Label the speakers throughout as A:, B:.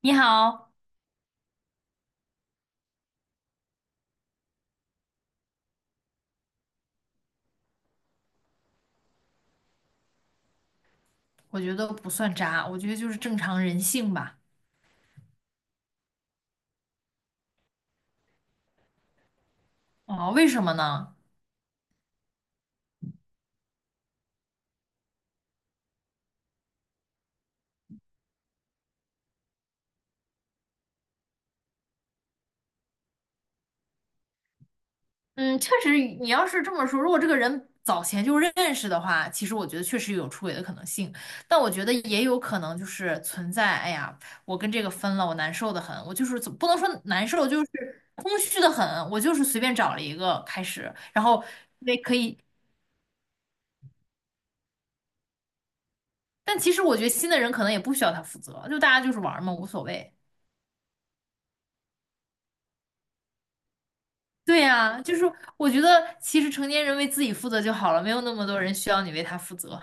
A: 你好，我觉得不算渣，我觉得就是正常人性吧。哦，为什么呢？嗯，确实，你要是这么说，如果这个人早前就认识的话，其实我觉得确实有出轨的可能性，但我觉得也有可能就是存在，哎呀，我跟这个分了，我难受的很，我就是怎不能说难受，就是空虚的很，我就是随便找了一个开始，然后也可以。但其实我觉得新的人可能也不需要他负责，就大家就是玩儿嘛，无所谓。对呀，就是我觉得其实成年人为自己负责就好了，没有那么多人需要你为他负责。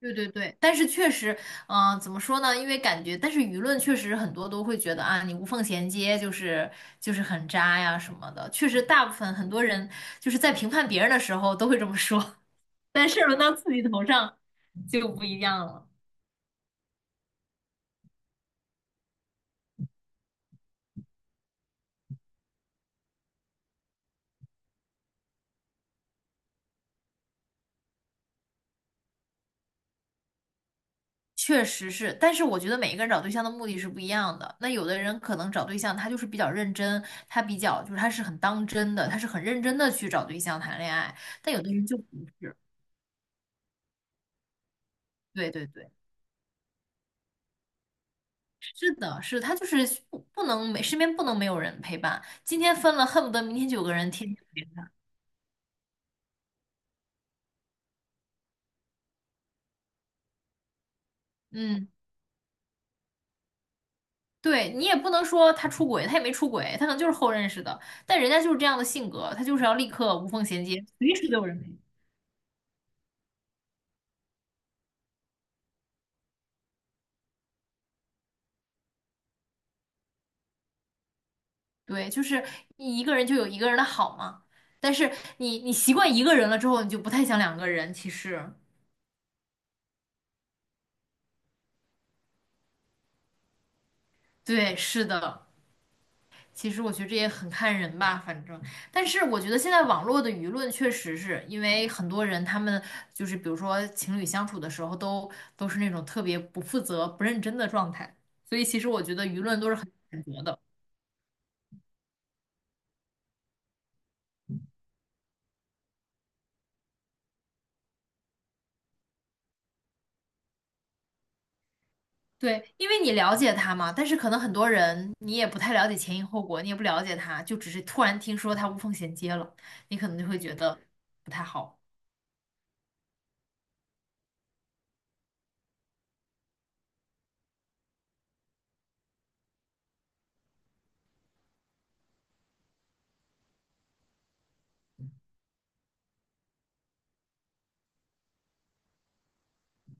A: 对对对，但是确实，嗯、怎么说呢？因为感觉，但是舆论确实很多都会觉得啊，你无缝衔接就是很渣呀什么的。确实，大部分很多人就是在评判别人的时候都会这么说。但是轮到自己头上就不一样了。确实是，但是我觉得每一个人找对象的目的是不一样的。那有的人可能找对象，他就是比较认真，他比较就是他是很当真的，他是很认真的去找对象谈恋爱。但有的人就不是。对对对，是的，是他就是不能没身边不能没有人陪伴。今天分了，恨不得明天就有个人天天陪他。嗯，对，你也不能说他出轨，他也没出轨，他可能就是后认识的，但人家就是这样的性格，他就是要立刻无缝衔接，随时都有人陪。对，就是一个人就有一个人的好嘛。但是你习惯一个人了之后，你就不太想两个人。其实，对，是的。其实我觉得这也很看人吧，反正。但是我觉得现在网络的舆论确实是因为很多人他们就是比如说情侣相处的时候都是那种特别不负责、不认真的状态，所以其实我觉得舆论都是很谴责的。对，因为你了解他嘛，但是可能很多人你也不太了解前因后果，你也不了解他，就只是突然听说他无缝衔接了，你可能就会觉得不太好。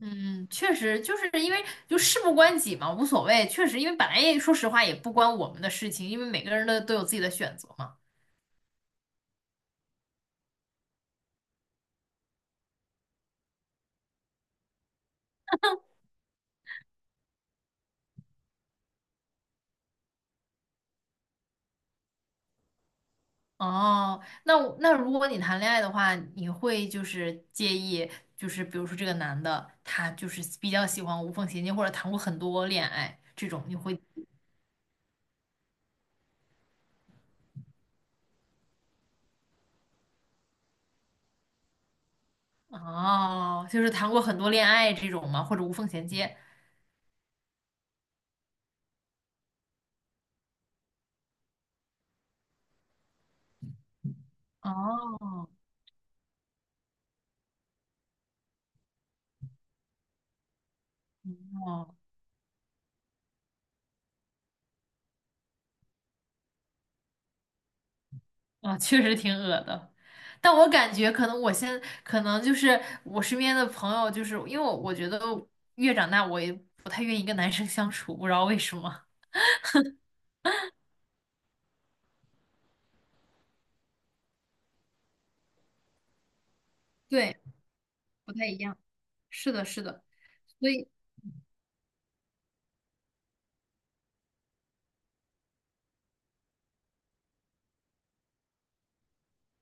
A: 嗯，确实就是因为就事不关己嘛，无所谓。确实，因为本来也说实话也不关我们的事情，因为每个人的都有自己的选择嘛。哦，那我那如果你谈恋爱的话，你会就是介意，就是比如说这个男的他就是比较喜欢无缝衔接，或者谈过很多恋爱这种，你会哦，就是谈过很多恋爱这种嘛，或者无缝衔接？哦哦哦，确实挺恶的，但我感觉可能我现可能就是我身边的朋友，就是因为我觉得越长大，我也不太愿意跟男生相处，不知道为什么。对，不太一样。是的，是的，所以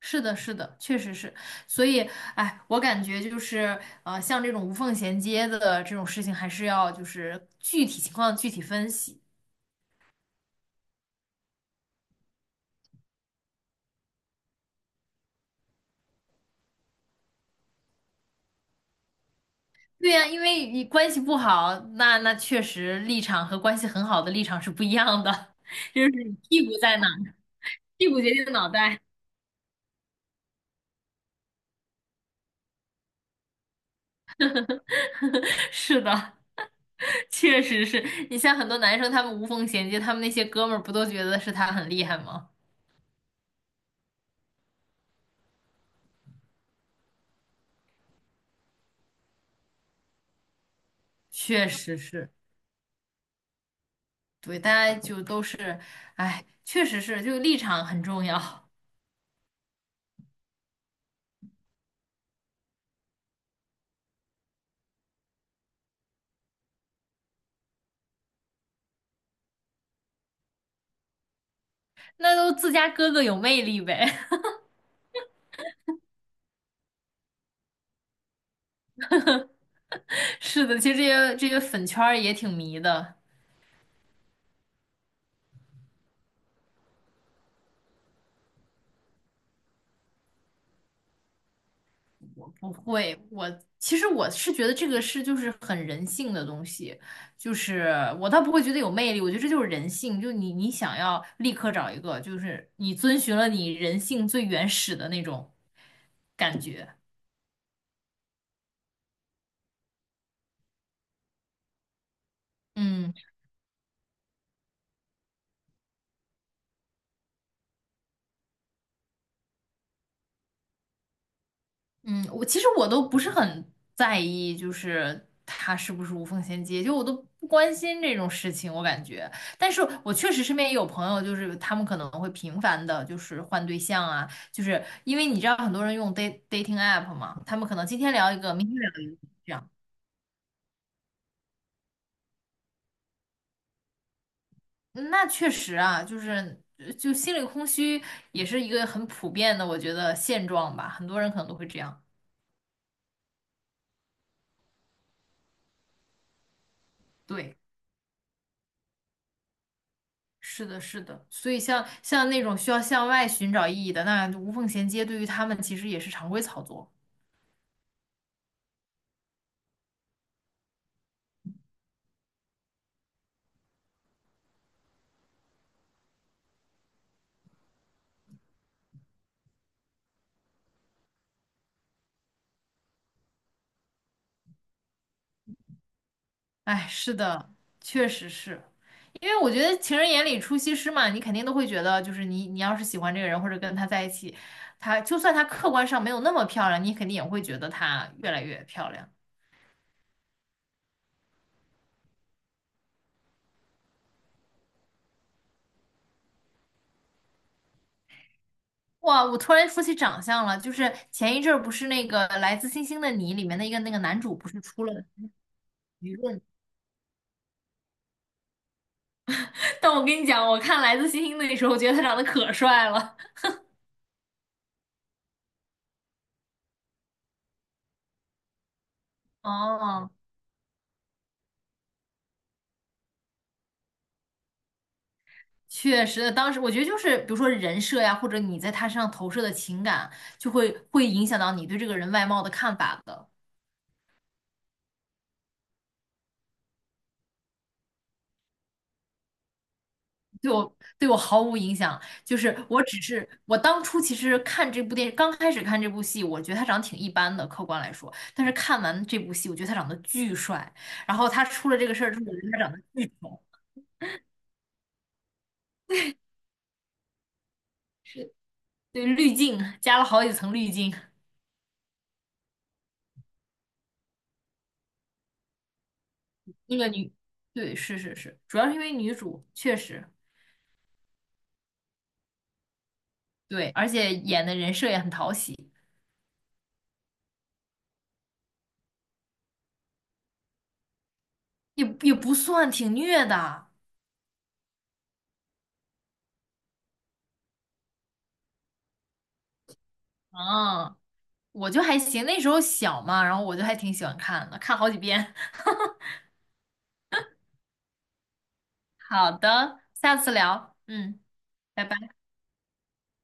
A: 是的，是的，确实是，所以，哎，我感觉就是，像这种无缝衔接的这种事情，还是要就是具体情况具体分析。对呀，因为你关系不好，那那确实立场和关系很好的立场是不一样的，就是你屁股在哪儿，屁股决定脑袋。是的，确实是你像很多男生，他们无缝衔接，他们那些哥们儿不都觉得是他很厉害吗？确实是，对，大家就都是，哎，确实是，就立场很重要，那都自家哥哥有魅力呗。是的，其实这些粉圈儿也挺迷的。我不会，我其实是觉得这个是就是很人性的东西，就是我倒不会觉得有魅力，我觉得这就是人性，就你想要立刻找一个，就是你遵循了你人性最原始的那种感觉，嗯。嗯，我其实都不是很在意，就是他是不是无缝衔接，就我都不关心这种事情，我感觉。但是我确实身边也有朋友，就是他们可能会频繁的，就是换对象啊，就是因为你知道很多人用 dating app 嘛，他们可能今天聊一个，明天聊一个，那确实啊，就是就心里空虚也是一个很普遍的，我觉得现状吧，很多人可能都会这样。对。是的，是的，所以像那种需要向外寻找意义的，那无缝衔接对于他们其实也是常规操作。哎，是的，确实是，因为我觉得情人眼里出西施嘛，你肯定都会觉得，就是你要是喜欢这个人或者跟他在一起，他就算他客观上没有那么漂亮，你肯定也会觉得他越来越漂亮。哇，我突然说起长相了，就是前一阵儿不是那个《来自星星的你》里面的一个那个男主不是出了舆论，但我跟你讲，我看《来自星星的你》的时候，我觉得他长得可帅了。哦，确实，当时我觉得就是，比如说人设呀，或者你在他身上投射的情感，就会影响到你对这个人外貌的看法的。对我，对我毫无影响，就是我只是我当初其实看这部电影，刚开始看这部戏，我觉得他长得挺一般的，客观来说，但是看完这部戏，我觉得他长得巨帅，然后他出了这个事儿之后，我觉得他长得巨丑，是对滤镜加了好几层滤镜，那个女，对，是是是，主要是因为女主确实。对，而且演的人设也很讨喜，也不算挺虐的。嗯，我就还行，那时候小嘛，然后我就还挺喜欢看的，看好几遍。好的，下次聊。嗯，拜拜。